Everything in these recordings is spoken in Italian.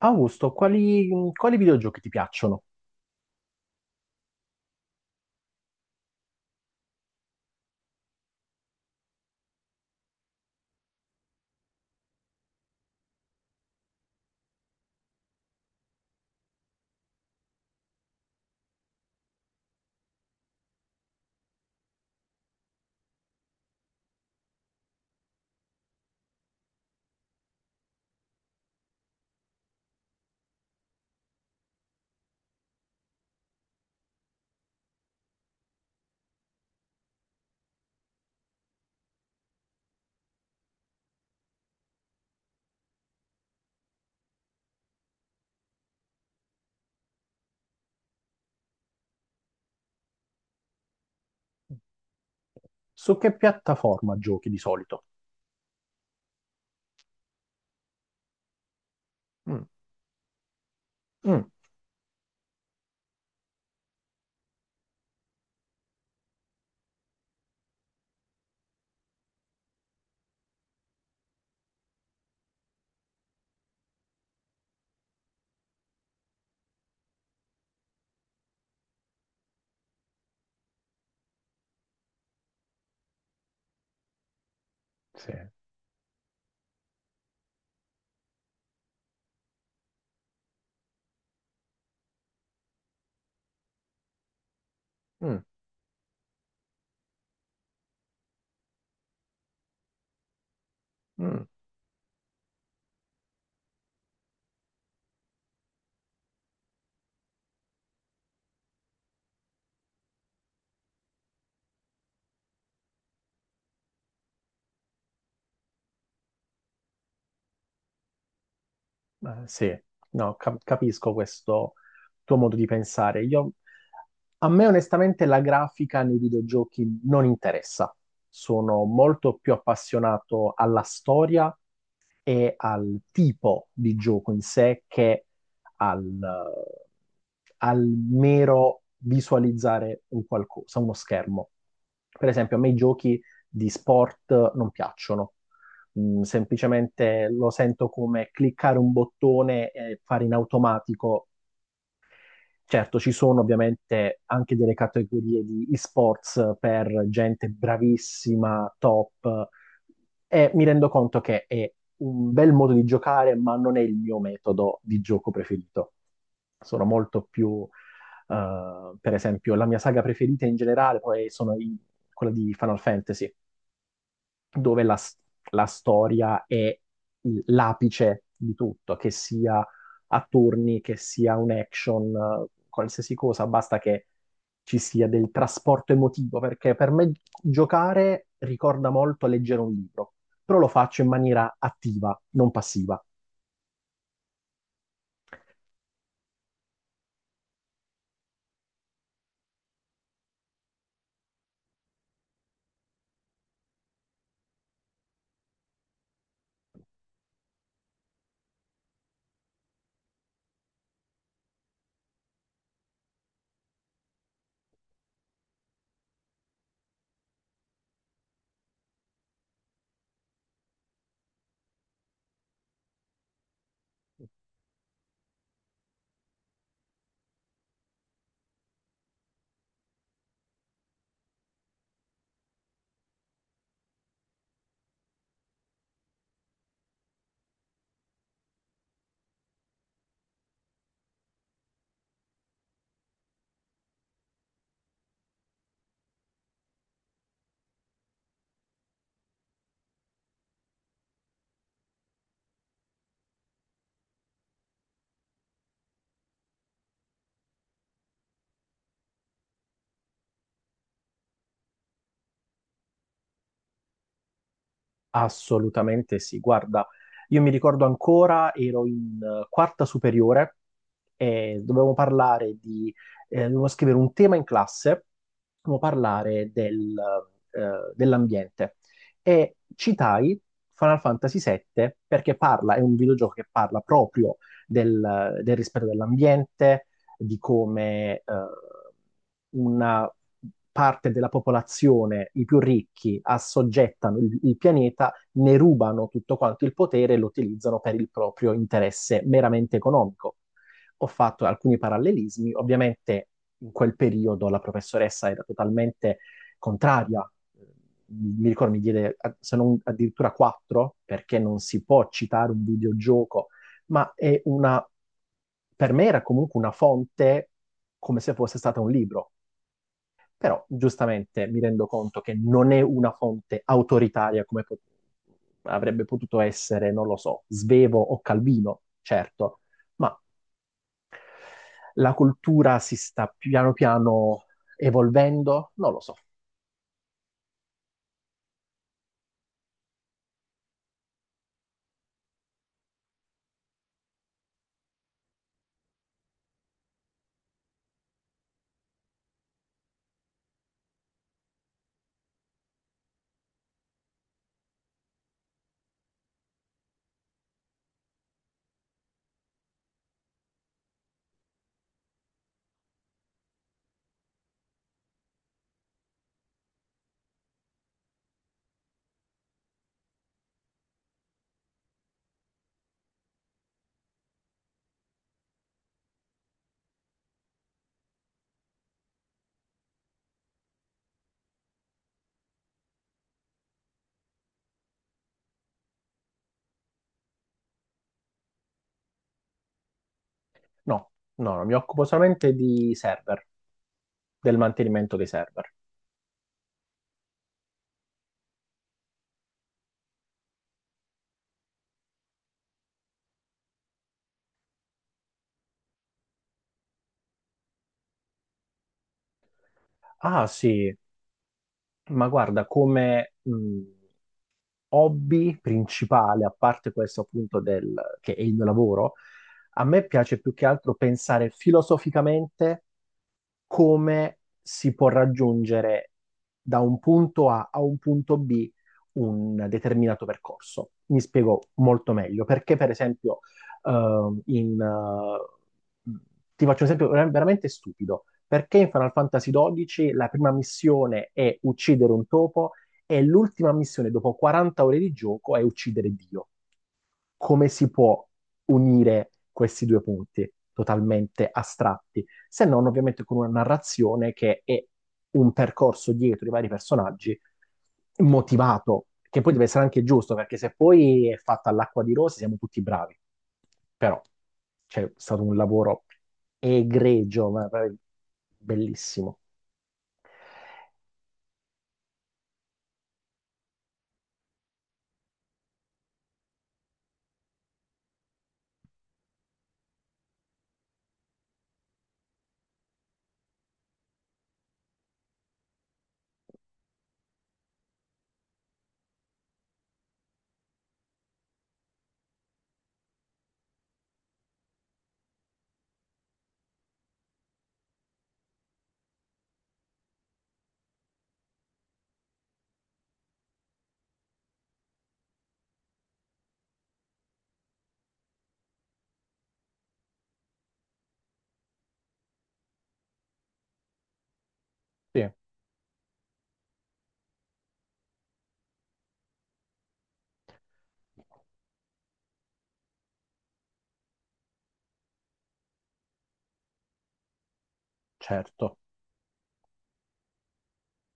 Augusto, quali videogiochi ti piacciono? Su che piattaforma giochi di solito? Mm. Mm. Sì. Mm. Mm. Sì, no, capisco questo tuo modo di pensare. A me onestamente la grafica nei videogiochi non interessa. Sono molto più appassionato alla storia e al tipo di gioco in sé che al, al mero visualizzare un qualcosa, uno schermo. Per esempio, a me i giochi di sport non piacciono. Mm, semplicemente lo sento come cliccare un bottone e fare in automatico. Certo, ci sono ovviamente anche delle categorie di esports per gente bravissima, top, e mi rendo conto che è un bel modo di giocare, ma non è il mio metodo di gioco preferito. Sono molto più, per esempio, la mia saga preferita in generale poi quella di Final Fantasy, dove la storia è l'apice di tutto, che sia a turni, che sia un action, qualsiasi cosa, basta che ci sia del trasporto emotivo, perché per me giocare ricorda molto leggere un libro, però lo faccio in maniera attiva, non passiva. Assolutamente sì, guarda, io mi ricordo ancora, ero in quarta superiore e dovevamo scrivere un tema in classe, dovevamo parlare del, dell'ambiente, e citai Final Fantasy VII perché è un videogioco che parla proprio del rispetto dell'ambiente, di come una parte della popolazione, i più ricchi, assoggettano il pianeta, ne rubano tutto quanto il potere e lo utilizzano per il proprio interesse meramente economico. Ho fatto alcuni parallelismi. Ovviamente in quel periodo la professoressa era totalmente contraria, mi ricordo mi diede se non addirittura 4 perché non si può citare un videogioco. Ma è per me era comunque una fonte, come se fosse stata un libro. Però giustamente mi rendo conto che non è una fonte autoritaria come avrebbe potuto essere, non lo so, Svevo o Calvino, certo, ma la cultura si sta piano piano evolvendo? Non lo so. No, mi occupo solamente di server, del mantenimento dei server. Ah sì, ma guarda, come hobby principale, a parte questo appunto che è il mio lavoro, a me piace più che altro pensare filosoficamente come si può raggiungere da un punto A a un punto B un determinato percorso. Mi spiego molto meglio, perché per esempio ehm, in, eh, ti faccio un esempio veramente stupido. Perché in Final Fantasy XII la prima missione è uccidere un topo e l'ultima missione dopo 40 ore di gioco è uccidere Dio. Come si può unire questi due punti totalmente astratti? Se non, ovviamente, con una narrazione che è un percorso dietro i vari personaggi motivato, che poi deve essere anche giusto, perché se poi è fatta all'acqua di rose siamo tutti bravi. Però c'è stato un lavoro egregio, ma bellissimo. Sì, certo.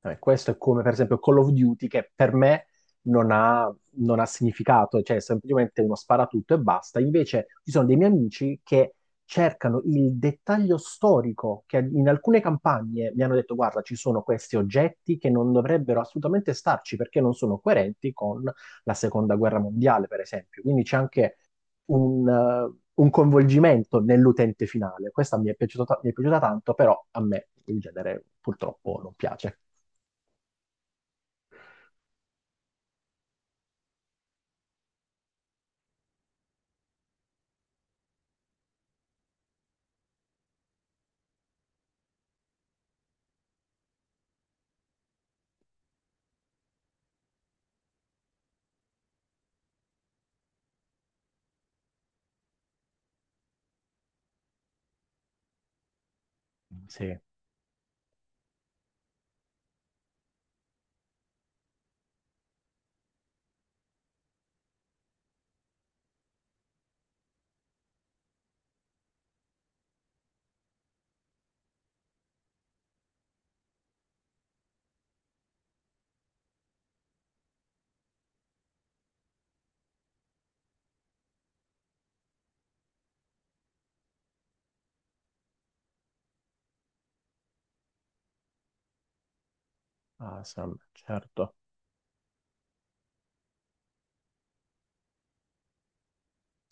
Vabbè, questo è come per esempio Call of Duty, che per me non ha, non ha significato, cioè è semplicemente uno sparatutto e basta. Invece ci sono dei miei amici che cercano il dettaglio storico, che in alcune campagne mi hanno detto guarda, ci sono questi oggetti che non dovrebbero assolutamente starci perché non sono coerenti con la seconda guerra mondiale, per esempio. Quindi c'è anche un coinvolgimento nell'utente finale. Questa mi è mi è piaciuta tanto, però a me il genere purtroppo non piace. Sì, Asam, certo,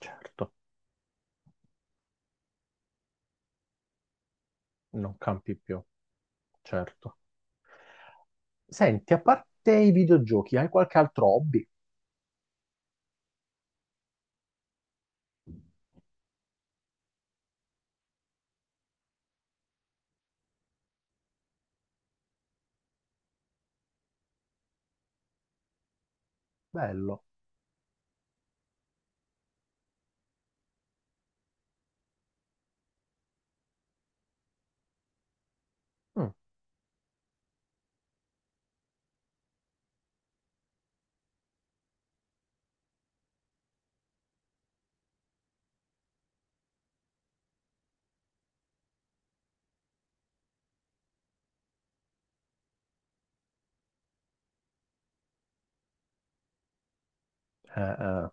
certo, non campi più, certo. Senti, a parte i videogiochi, hai qualche altro hobby? Bello. Mm. Eh, eh.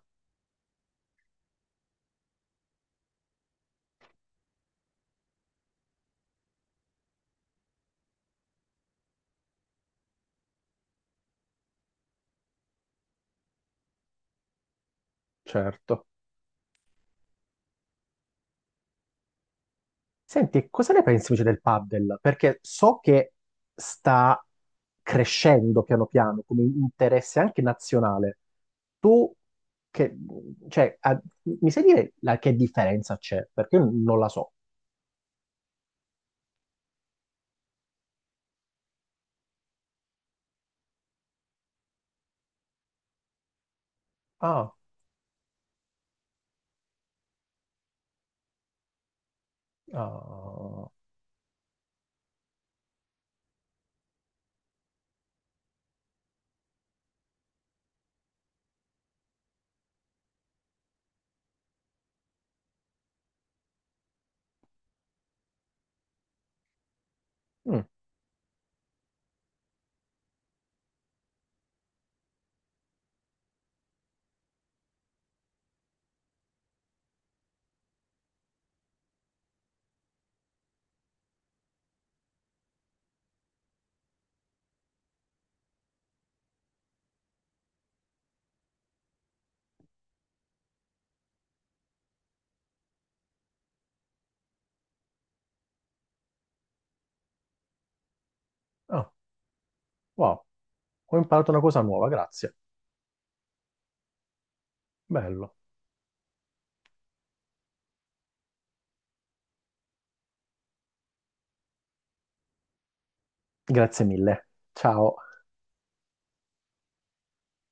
Certo. Senti, cosa ne pensi invece del paddle? Perché so che sta crescendo piano piano come interesse anche nazionale. Tu, che, cioè, mi sai dire che differenza c'è? Perché io non la so. Ah. Ah. Mm. Ah. Wow, ho imparato una cosa nuova, grazie. Bello. Grazie mille. Ciao.